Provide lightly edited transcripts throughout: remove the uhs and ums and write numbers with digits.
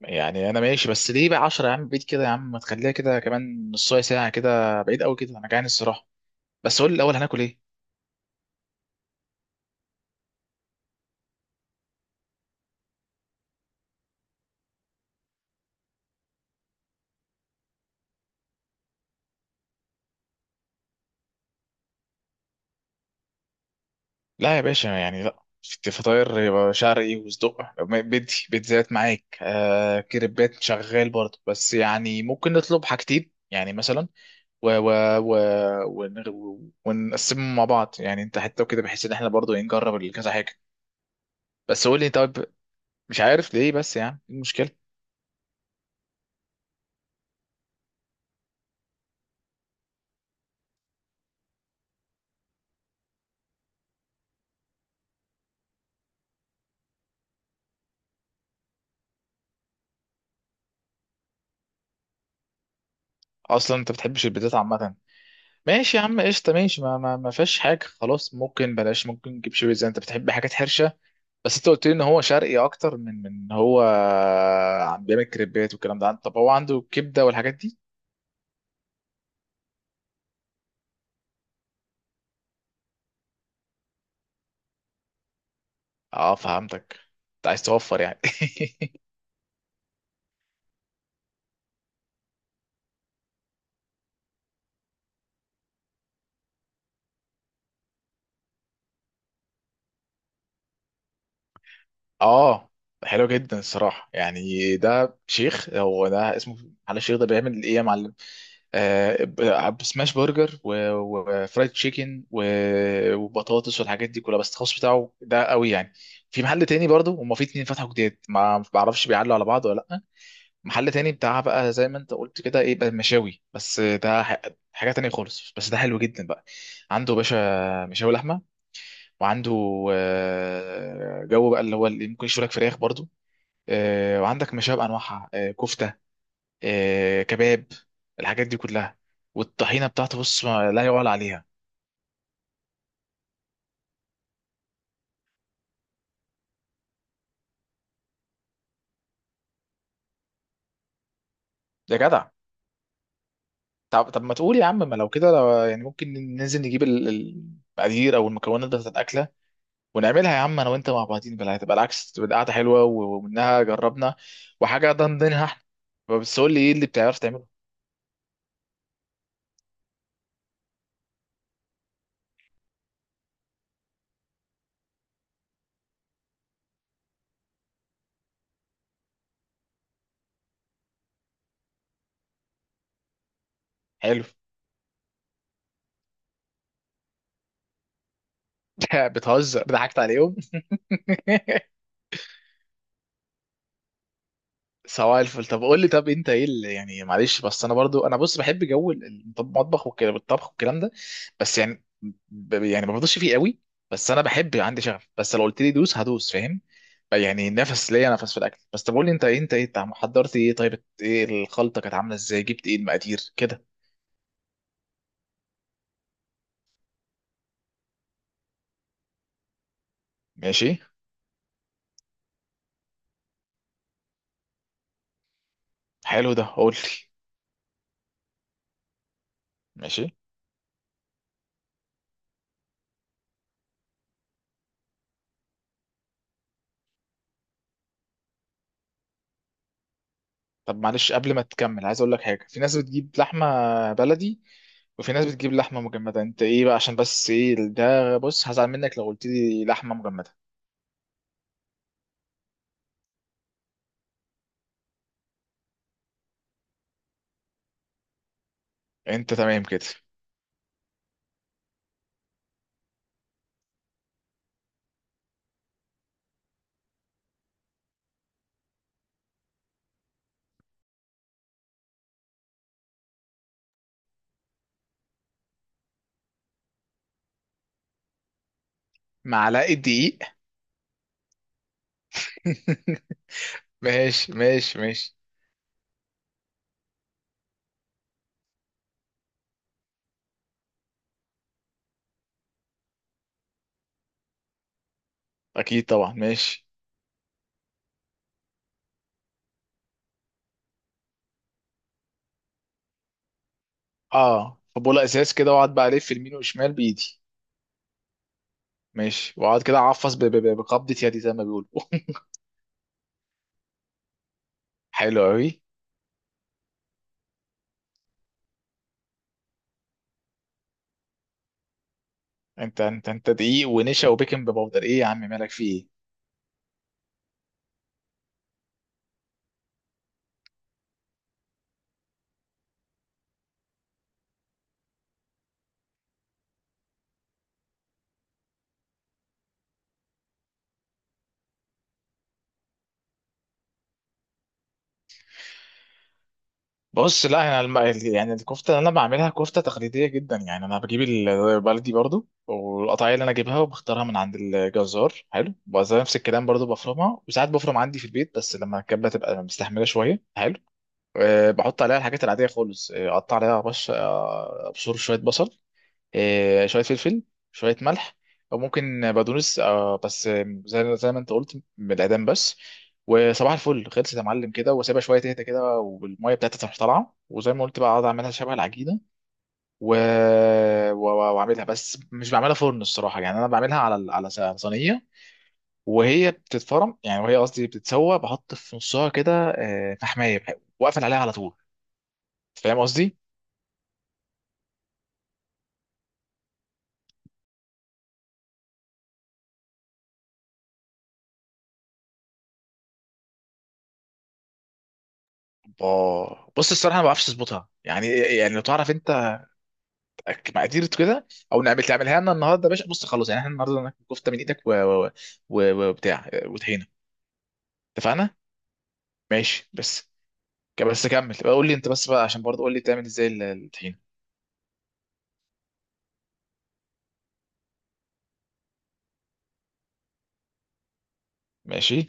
يعني انا ماشي، بس ليه بقى 10 يا عم؟ بعيد كده يا عم، ما تخليها كده كمان نص ساعه، كده بعيد قوي كده، انا جعان الصراحه. بس قول لي الاول، هناكل ايه؟ لا يا باشا، يعني لا، في فطاير يبقى شرقي وصدق. بدي بيتزات معاك، كريبات شغال برضه، بس يعني ممكن نطلب حاجتين يعني مثلا و و و ونقسمهم مع بعض يعني، انت حتى وكده، بحيث ان احنا برضه نجرب كذا حاجه. بس قول لي طب. مش عارف ليه، بس يعني ايه المشكله؟ اصلا انت بتحبش البيتزات عامه؟ ماشي يا عم قشطة، ماشي. ما فيهاش حاجة خلاص، ممكن بلاش، ممكن نجيب شوية زي انت بتحب حاجات حرشة. بس انت قلت لي ان هو شرقي اكتر من هو. عم بيعمل كريبات والكلام ده طب هو عنده كبدة والحاجات دي؟ اه، فهمتك. انت عايز توفر يعني؟ اه، حلو جدا الصراحة، يعني ده شيخ هو ده اسمه؟ على، الشيخ ده بيعمل ايه يا معلم؟ بسماش برجر وفرايد تشيكن وبطاطس والحاجات دي كلها، بس الخاص بتاعه ده قوي يعني. في محل تاني برضه، هما في اتنين فتحوا جداد، ما بعرفش بيعلوا على بعض ولا لا. محل تاني بتاع بقى زي ما انت قلت كده، ايه بقى؟ مشاوي. بس ده حاجة تانية خالص، بس ده حلو جدا بقى. عنده باشا مشاوي لحمة، وعنده جو بقى، اللي هو اللي ممكن يشوي لك فراخ برضه، وعندك مشاوي بأنواعها، كفتة، كباب، الحاجات دي كلها، والطحينه بتاعته بص ما لا يعلى عليها. يا جدع. طب ما تقول يا عم، ما لو كده، لو يعني ممكن ننزل نجيب المقادير او المكونات بتاعت الاكله. ونعملها يا عم انا وانت مع بعضين، بلا هتبقى العكس، تبقى قاعده حلوه ومنها جربنا. وحاجه ضمنها احنا. بس قول لي، ايه اللي بتعرف تعمله؟ حلو. بتهزر، ضحكت عليهم. سواء الفل. طب قول لي انت ايه اللي يعني معلش، بس انا برضو بص بحب جو المطبخ والكلام الطبخ والكلام ده. بس يعني يعني ما بفضلش فيه قوي. بس انا بحب، عندي شغف، بس لو قلت لي دوس هدوس، فاهم؟ يعني نفس، ليا نفس في الاكل، بس طب قول لي، انت حضرت ايه؟ طيب ايه الخلطه؟ كانت عامله ازاي؟ جبت ايه المقادير كده؟ ماشي. حلو ده، قول لي. ماشي. طب معلش قبل ما تكمل، عايز اقول لك حاجه، في ناس بتجيب لحمه بلدي، وفي ناس بتجيب لحمه مجمده، انت ايه بقى؟ عشان بس ايه ده، بص هزعل منك لو قلت لي لحمه مجمده. انت تمام كده. معلقه دقيق؟ ماشي، ماشي، ماشي. اكيد طبعا، ماشي. اه، فبوله ازاز كده، واقعد بقى الف يمين وشمال بايدي. ماشي، واقعد كده اعفص بقبضه يدي زي ما بيقولوا. حلو قوي. انت دقيق ونشا وبيكنج باودر؟ ايه يا عم مالك في ايه؟ بص لا، يعني يعني الكفته اللي انا بعملها كفته تقليديه جدا، يعني انا بجيب بلدي برضو، والقطعيه اللي انا جايبها وبختارها من عند الجزار حلو، وزي نفس الكلام برضو، بفرمها، وساعات بفرم عندي في البيت، بس لما كانت بتبقى مستحمله شويه حلو. أه، بحط عليها الحاجات العاديه خالص، اقطع عليها بش آه، ابشر شويه بصل. شويه فلفل. شويه ملح. او ممكن بقدونس، بس زي ما انت قلت بالاعدام بس. وصباح الفل، خلصت يا معلم كده، وسيبها شويه تهدى كده، والميه بتاعتها تروح طالعه، وزي ما قلت بقى اقعد اعملها شبه العجينه. و... و... واعملها، بس مش بعملها فرن الصراحه، يعني انا بعملها على على صينيه. وهي بتتفرم، يعني وهي، قصدي بتتسوى، بحط في نصها كده فحمايه. واقفل عليها على طول. فاهم قصدي؟ بص الصراحه، أنا ما بعرفش اظبطها، يعني لو تعرف انت. مقادير كده. او تعملها لنا النهارده يا باشا، بص خلاص، يعني احنا النهارده ناكل كفته من ايدك وبتاع وطحينه. اتفقنا. ماشي بس. بس كمل بقى، قول لي انت بس بقى عشان برضه، قول لي تعمل ازاي الطحينه. ماشي.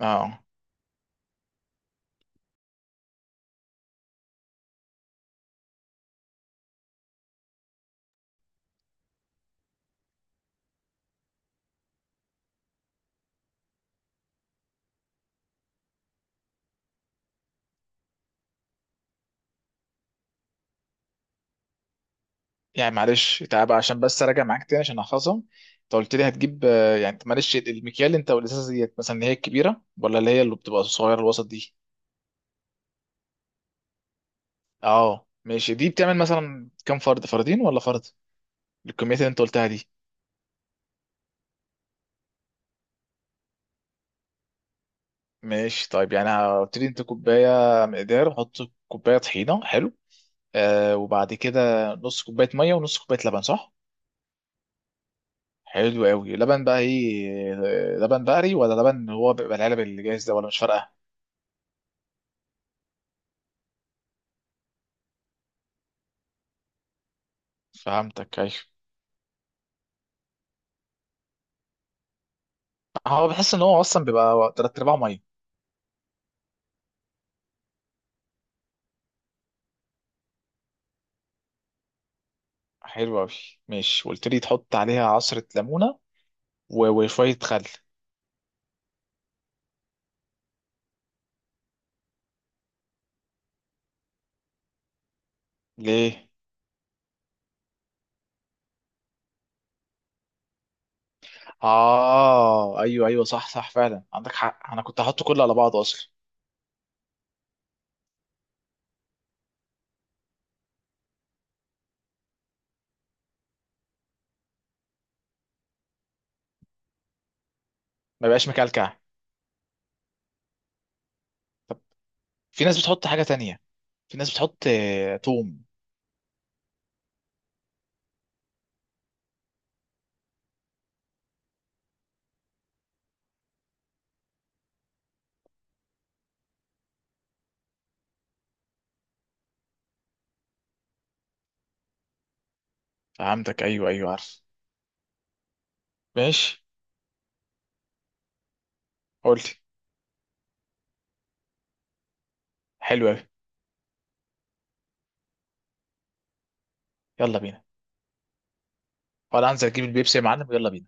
اه. يعني معلش تعب، عشان بس اراجع معاك تاني عشان احفظهم. انت قلت لي هتجيب يعني معلش المكيال، انت والازازه ديت مثلا اللي هي الكبيره، ولا اللي بتبقى صغيره الوسط دي؟ اه ماشي، دي بتعمل مثلا كام؟ فرد، فردين ولا فرد؟ الكميات اللي انت قلتها دي. ماشي طيب، يعني هبتدي انت كوبايه. مقدار وحط. كوبايه طحينه، حلو. وبعد كده. نص كوبايه ميه ونص كوبايه لبن، صح؟ حلو قوي. لبن بقى ايه؟ لبن بقري ولا لبن هو بيبقى العلب اللي جاهز ده؟ ولا مش فارقه؟ فهمتك، ايوه. هو بحس ان هو اصلا بيبقى تلات ارباعه ميه. حلو قوي. ماشي، وقلت لي تحط عليها عصره ليمونه. وشويه خل. ليه؟ اه، ايوه، ايوه، صح، صح، فعلا عندك حق، انا كنت هحط كله على بعضه اصلا. ما بقاش مكلكع؟ في ناس بتحط حاجة تانية. في ناس بتحط توم. فهمتك، ايوه، ايوه، عارف. ماشي. قلت. حلو اوي. يلا بينا. ولا انزل اجيب البيبسي يا معلم؟ يلا بينا.